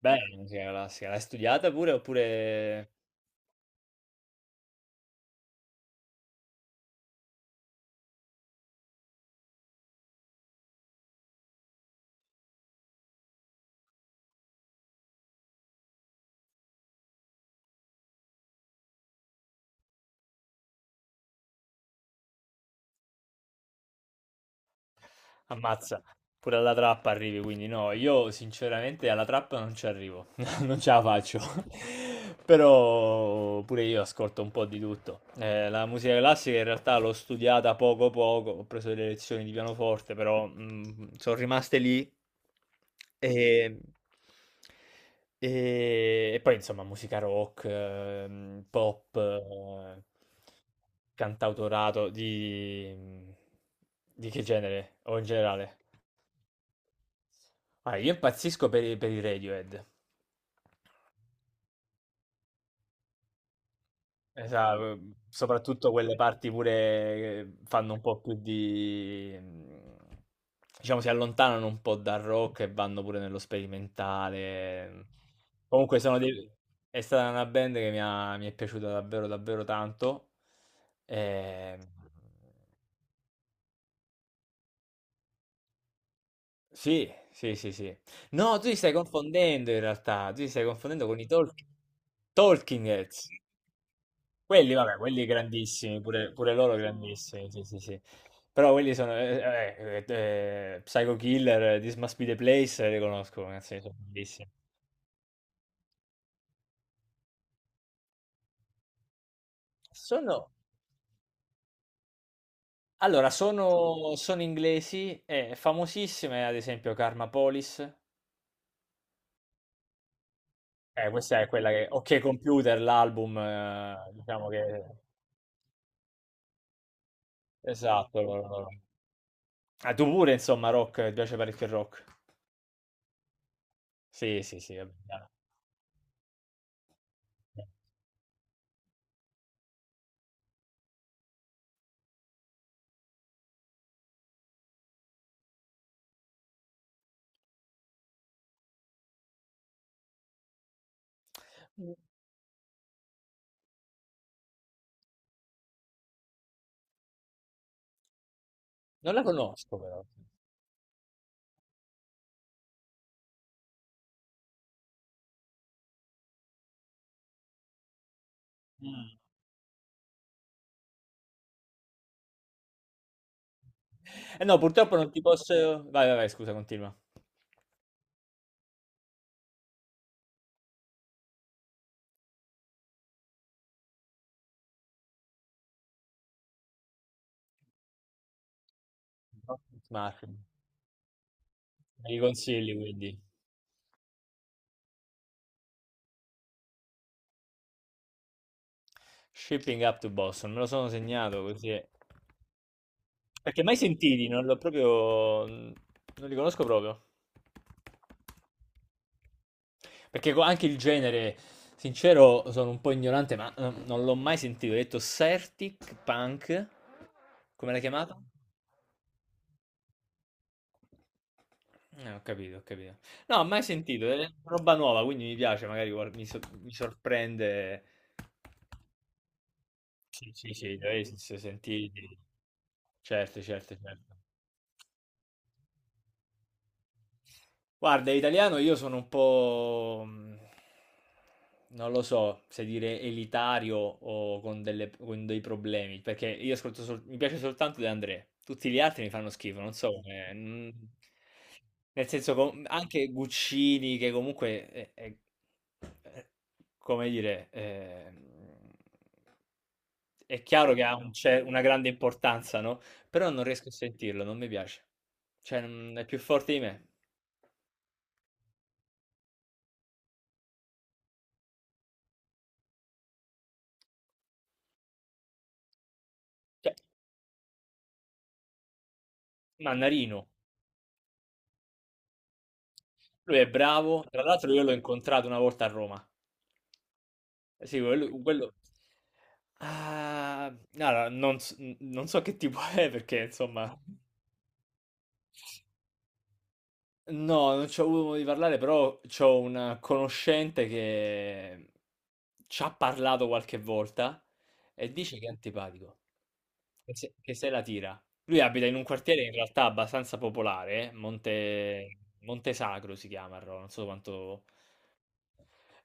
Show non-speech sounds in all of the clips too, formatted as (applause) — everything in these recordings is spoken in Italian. Bene, sì, la classica. L'hai studiata pure oppure... Ammazza, pure alla trappa arrivi, quindi no, io sinceramente alla trappa non ci arrivo. (laughs) Non ce la faccio. (laughs) Però pure io ascolto un po' di tutto. La musica classica in realtà l'ho studiata poco poco, ho preso delle lezioni di pianoforte, però sono rimaste lì e, e poi insomma musica rock, pop, cantautorato di... Di che genere o in generale? Ah, io impazzisco per i Radiohead. Esa soprattutto quelle parti pure che fanno un po' più di diciamo si allontanano un po' dal rock e vanno pure nello sperimentale. Mhmm. Comunque sono dei è stata una band che mi è piaciuta davvero, davvero tanto. Ehm, sì, sì, sì, sì. No, tu ti stai confondendo in realtà, tu ti stai confondendo con i Talking Heads. Quelli, vabbè, quelli grandissimi, pure, pure loro grandissimi, sì, sì, sì. Però quelli sono, Psycho Killer, This Must Be the Place, li conosco, ragazzi, sono bellissimi. Sono, allora, sono, sono inglesi, e famosissime, ad esempio, Karma Police. Questa è quella che, Ok Computer, l'album, diciamo che, esatto, loro, loro. Ah, tu pure, insomma, rock, ti piace parecchio il rock? Sì, sì, sì, vabbè, chiaro. Non la conosco, però. Mm. Eh no, purtroppo non ti posso... Vai, vai, vai, scusa, continua. Smartphone. Me li consigli, quindi. Shipping up to Boston, me lo sono segnato così. È- Perché mai sentiti, non l'ho proprio... Non li conosco proprio. Perché co- anche il genere, sincero, sono un po' ignorante, ma non l'ho mai sentito. Ho detto Certic Punk, come l'hai chiamata? Ho capito, ho capito. No, mai sentito, è roba nuova, quindi mi piace, magari guard- mi, so- mi sorprende Sì, sì, sì, lei si si sentì certo, certo, certo. Guarda, italiano io sono un po', non lo so se dire elitario o con, delle- con dei problemi, perché io ascolto sol- mi piace soltanto De André, tutti gli altri mi fanno schifo, non so come... mm, nel senso, com- anche Guccini, che comunque è- come dire, è chiaro che ha un cer- una grande importanza, no? Però non riesco a sentirlo, non mi piace. Cioè, non- è più forte di me. Cioè, Mannarino, lui è bravo, tra l'altro io l'ho incontrato una volta a Roma. Eh sì, quello... quello- Ah, allora, non, s- non so che tipo è perché, insomma, no, non ci ho avuto modo di parlare, però c'ho una conoscente che ci ha parlato qualche volta e dice che è antipatico, che se la tira. Lui abita in un quartiere in realtà abbastanza popolare, Monte, Monte Sacro si chiama, a Roma, non so quanto...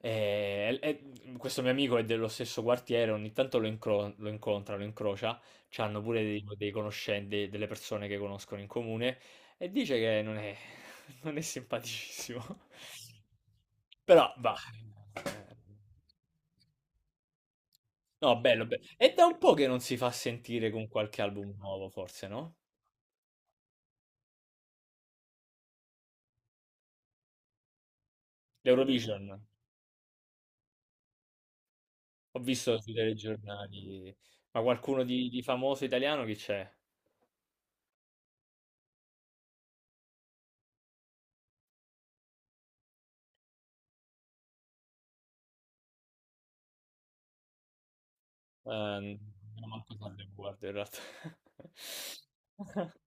E- e- Questo mio amico è dello stesso quartiere, ogni tanto lo, incro- lo incontra, lo incrocia, c'hanno pure dei, dei conoscenti, delle persone che conoscono in comune e dice che non è, (laughs) non è simpaticissimo. Però va. Eh, No, bello, bello. È da un po' che non si fa sentire con qualche album nuovo, forse, no? L'Eurovision. Ho visto sui telegiornali. Ma qualcuno di famoso italiano chi c'è? Non ho manco tanto guardo in realtà. (laughs)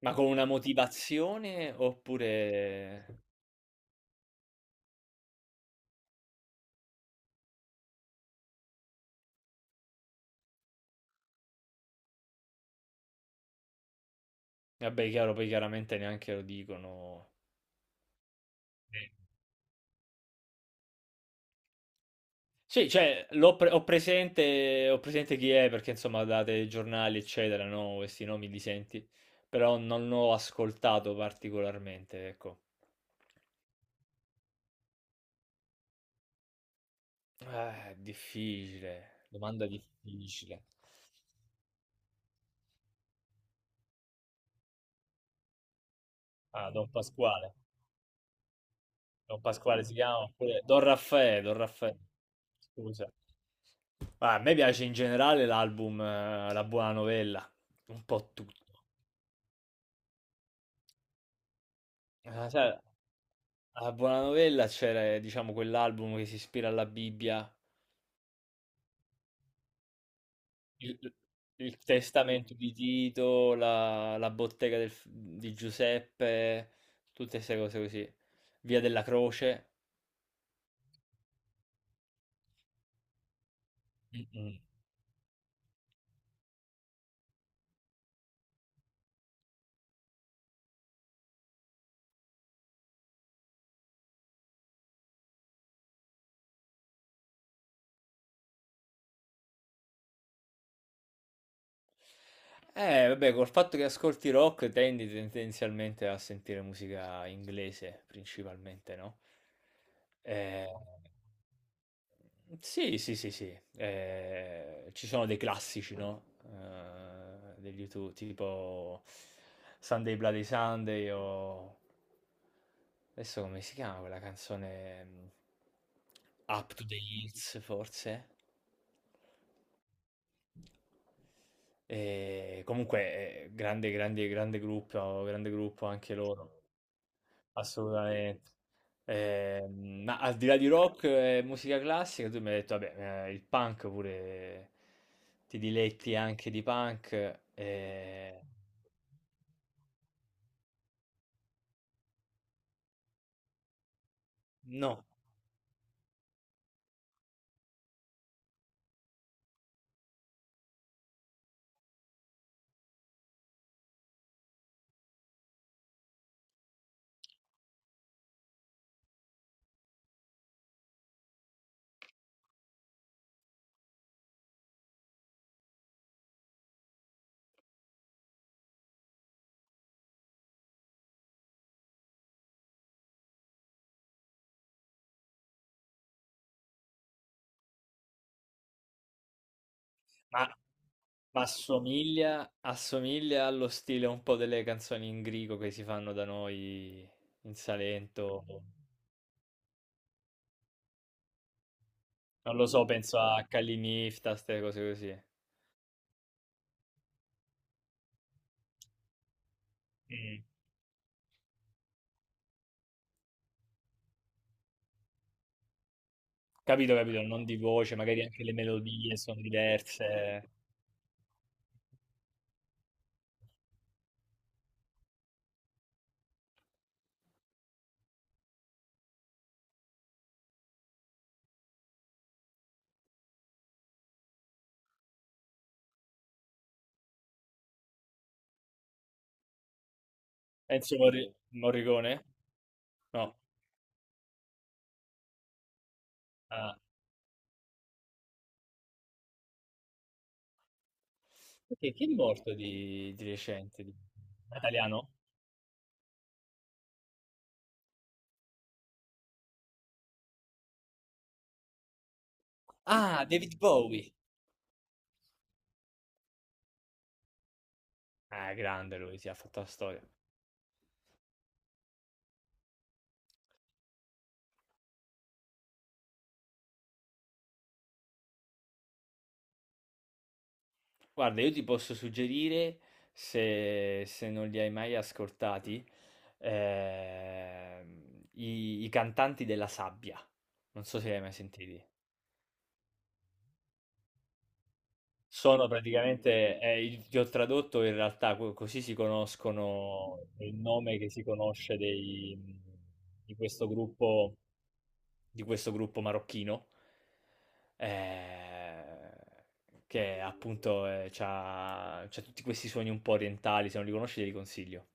Ma con una motivazione oppure... Vabbè, chiaro, poi chiaramente neanche lo dicono. Sì, sì, cioè, l'ho pre- ho presente chi è perché insomma date giornali, eccetera, no? Questi nomi li senti, però non l'ho ascoltato particolarmente, ecco. Difficile, domanda difficile. Ah, Don Pasquale. Don Pasquale si chiama, oppure Don Raffaele, Don Raffaele, scusa. Ma a me piace in generale l'album La Buona Novella, un po' tutto. Sai, alla Buona Novella c'era, diciamo, quell'album che si ispira alla Bibbia, il, il Testamento di Tito, la, la Bottega del- di Giuseppe, tutte queste cose così. Via della Croce. Vabbè, col fatto che ascolti rock tendi tendenzialmente a sentire musica inglese principalmente, no? Eh, sì, sì, sì, sì. Ci sono dei classici, no? Degli YouTube, tipo Sunday Bloody Sunday o... Adesso come si chiama quella canzone? Up to the Hills, forse? E comunque, grande, grande, grande gruppo anche loro. Assolutamente. Ma al di là di rock e musica classica, tu mi hai detto, vabbè, il punk pure ti diletti anche di punk. Eh, no, ma, ma assomiglia, assomiglia allo stile un po' delle canzoni in grigo che si fanno da noi in Salento. Non lo so, penso a Calinifta, queste cose così. Mm. Capito, capito, non di voce, magari anche le melodie sono diverse. Enzo Morri- Morricone? No. Ah. Perché chi è morto di recente? Di... Italiano? Ah, David Bowie. Ah, grande lui, si ha fatto la storia. Guarda, io ti posso suggerire, se, se non li hai mai ascoltati, i, i cantanti della sabbia. Non so se li hai mai sentiti. Sono praticamente il ti ho tradotto in realtà co così si conoscono è il nome che si conosce dei di questo gruppo di questo gruppo marocchino, ehm, che appunto, c'ha tutti questi suoni un po' orientali, se non li conosci te li consiglio.